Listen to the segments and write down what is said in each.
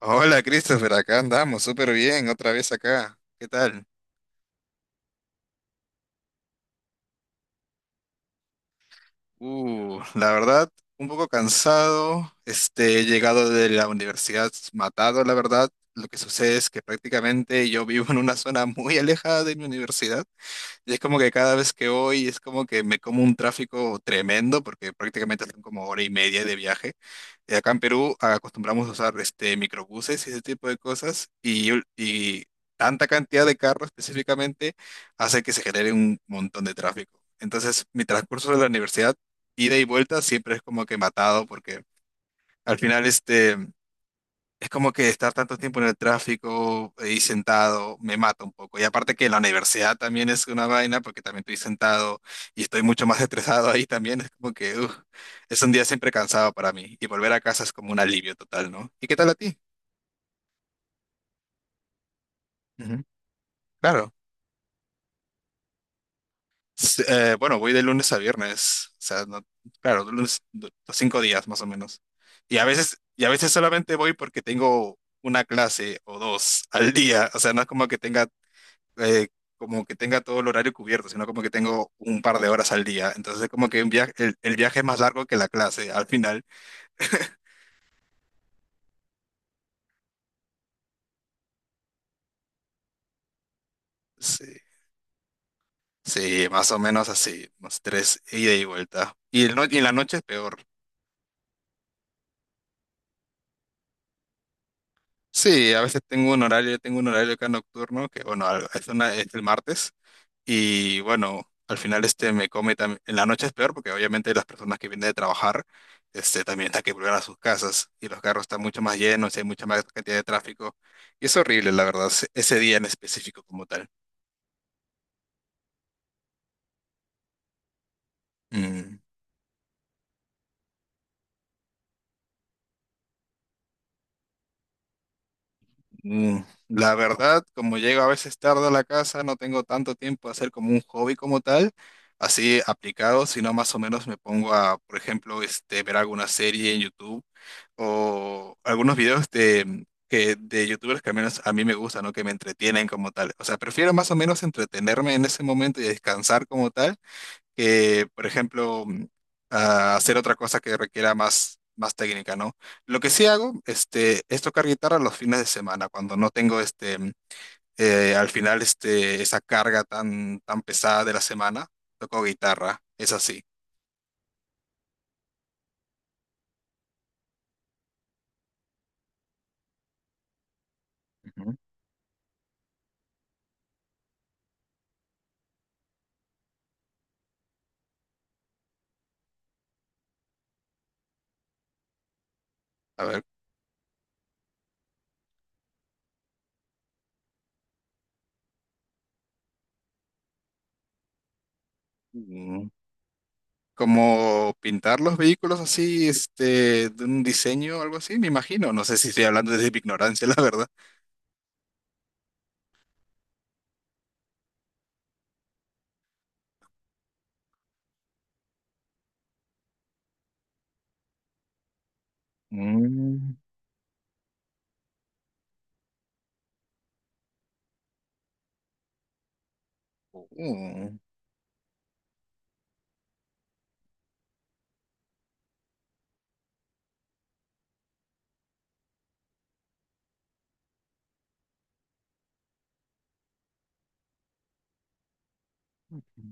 Hola Christopher, acá andamos, súper bien, otra vez acá. ¿Qué tal? La verdad, un poco cansado, he llegado de la universidad matado, la verdad. Lo que sucede es que prácticamente yo vivo en una zona muy alejada de mi universidad. Y es como que cada vez que voy es como que me como un tráfico tremendo porque prácticamente son como hora y media de viaje. Acá en Perú acostumbramos a usar microbuses y ese tipo de cosas y tanta cantidad de carros específicamente hace que se genere un montón de tráfico. Entonces mi transcurso de la universidad, ida y vuelta, siempre es como que matado porque al final es como que estar tanto tiempo en el tráfico y sentado me mata un poco. Y aparte que la universidad también es una vaina porque también estoy sentado y estoy mucho más estresado ahí también. Es como que uf, es un día siempre cansado para mí. Y volver a casa es como un alivio total, ¿no? ¿Y qué tal a ti? Ujú. Claro. Bueno, voy de lunes a viernes. Claro, cinco días más o menos. Y a veces solamente voy porque tengo una clase o dos al día. O sea, no es eh, como que tenga todo el horario cubierto, sino como que tengo un par de horas al día. Entonces, como que un viaje, el viaje es más largo que la clase al final. Sí, sí, más o menos así, unos tres ida y vuelta. Y, el no- Y en la noche es peor. Sí, a veces tengo un horario acá nocturno, que bueno, es, es el martes. Y bueno, al final me come también. En la noche es peor porque obviamente las personas que vienen de trabajar, también están que volver a sus casas y los carros están mucho más llenos y hay mucha más cantidad de tráfico. Y es horrible, la verdad, ese día en específico como tal. Mm. Mm. La verdad, como llego a veces tarde a la casa, no tengo tanto tiempo a hacer como un hobby como tal, así aplicado, sino más o menos me pongo a, por ejemplo, ver alguna serie en YouTube o algunos videos de de YouTubers que al menos a mí me gustan, ¿no? Que me entretienen como tal. O sea, prefiero más o menos entretenerme en ese momento y descansar como tal que, por ejemplo, a hacer otra cosa que requiera más técnica, ¿no? Lo que sí hago, es tocar guitarra los fines de semana, cuando no tengo, al final, esa carga tan pesada de la semana, toco guitarra, es así. Ujú. A ver, mm, como pintar los vehículos así, de un diseño o algo así, me imagino. No sé si estoy hablando desde mi ignorancia, la verdad. Mm. Mm. Ujú.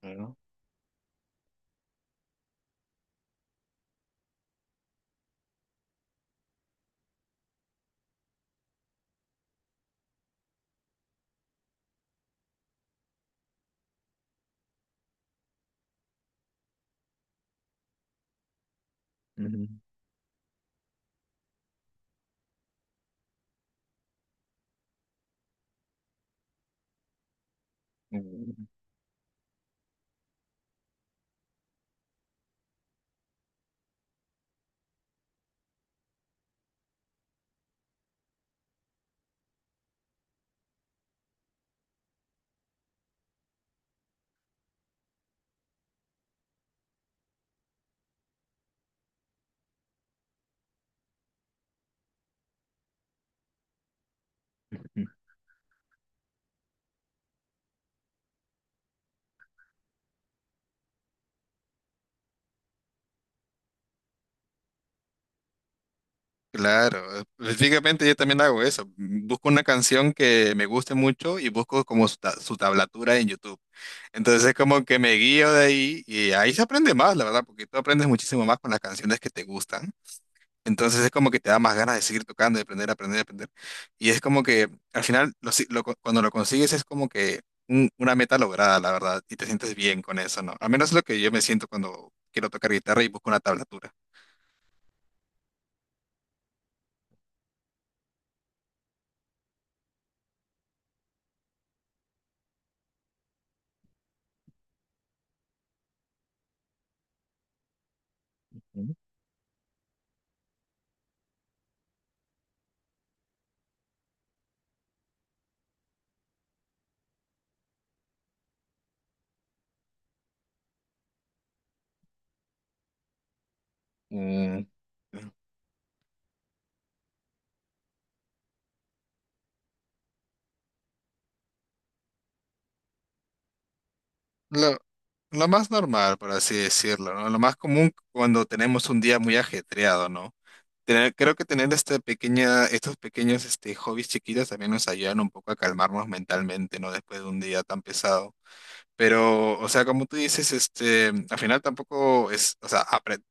Claro. Ujú. Mm. Claro, específicamente yo también hago eso. Busco una canción que me guste mucho y busco como su tablatura en YouTube. Entonces es como que me guío de ahí y ahí se aprende más, la verdad, porque tú aprendes muchísimo más con las canciones que te gustan. Entonces es como que te da más ganas de seguir tocando, de aprender, aprender, aprender. Y es como que al final, lo si- lo co- cuando lo consigues es como que una meta lograda, la verdad, y te sientes bien con eso, ¿no? Al menos es lo que yo me siento cuando quiero tocar guitarra y busco una tablatura. Mm. Lo, lo más normal, por así decirlo, ¿no? Lo más común cuando tenemos un día muy ajetreado, ¿no? Creo que tener esta pequeña, estos pequeños hobbies chiquitos también nos ayudan un poco a calmarnos mentalmente, ¿no? Después de un día tan pesado. Pero, o sea, como tú dices, al final tampoco es, o sea,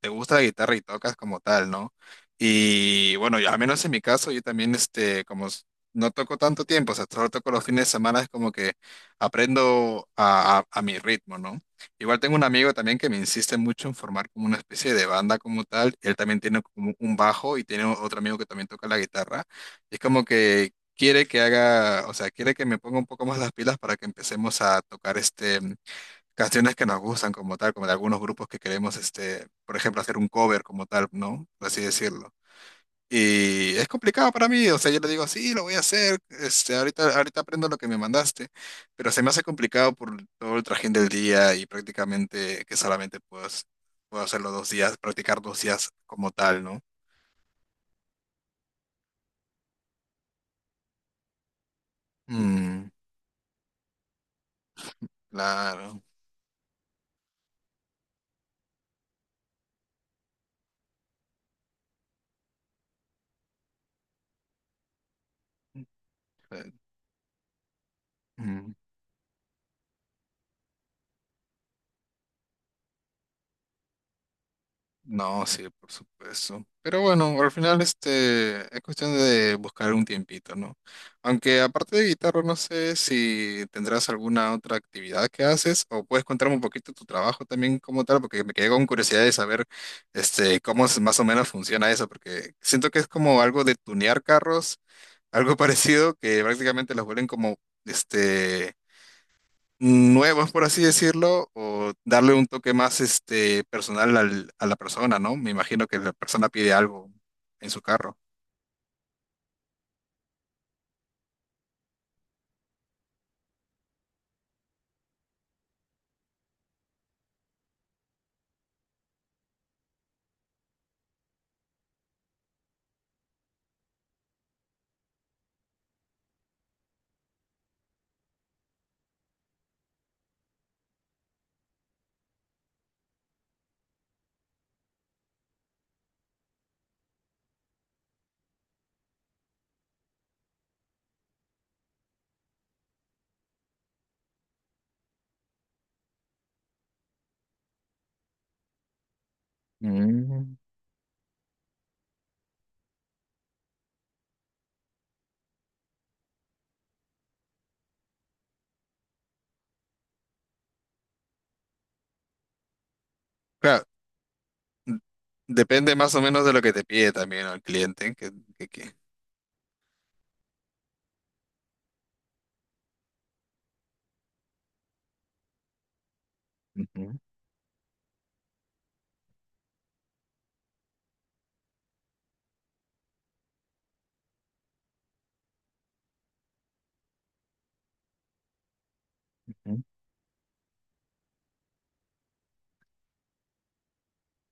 te gusta la guitarra y tocas como tal, ¿no? Y bueno, al menos en mi caso, yo también, como no toco tanto tiempo, o sea, solo toco los fines de semana, es como que aprendo a mi ritmo, ¿no? Igual tengo un amigo también que me insiste mucho en formar como una especie de banda como tal, él también tiene como un bajo y tiene otro amigo que también toca la guitarra, es como que quiere que haga, o sea, quiere que me ponga un poco más las pilas para que empecemos a tocar canciones que nos gustan como tal, como de algunos grupos que queremos por ejemplo, hacer un cover como tal, ¿no? Por así decirlo. Y es complicado para mí, o sea, yo le digo, sí, lo voy a hacer, ahorita, ahorita aprendo lo que me mandaste, pero se me hace complicado por todo el trajín del día y prácticamente que solamente puedo, puedo hacerlo dos días, practicar dos días como tal, ¿no? Mm, claro. Mm. No, sí, por supuesto. Pero bueno, al final es cuestión de buscar un tiempito, ¿no? Aunque aparte de guitarra, no sé si tendrás alguna otra actividad que haces o puedes contarme un poquito tu trabajo también como tal, porque me quedé con curiosidad de saber cómo más o menos funciona eso, porque siento que es como algo de tunear carros, algo parecido que prácticamente los vuelven como este nuevos, por así decirlo, o darle un toque más personal a la persona, ¿no? Me imagino que la persona pide algo en su carro. Mm. Claro, n- depende más o menos de lo que te pide también, ¿no?, el cliente. Que, que- que- ujú, ujú.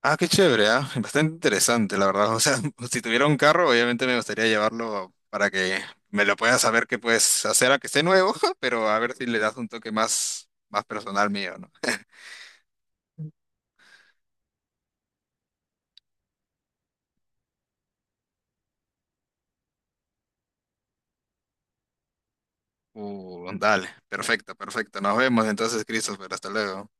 Ah, qué chévere, ¿ah? Bastante interesante, la verdad. O sea, si tuviera un carro, obviamente me gustaría llevarlo para que me lo pueda saber qué puedes hacer, a que esté nuevo, pero a ver si le das un toque más, más personal mío, ¿no? Dale, perfecto, perfecto. Nos vemos entonces, Christopher. Hasta luego.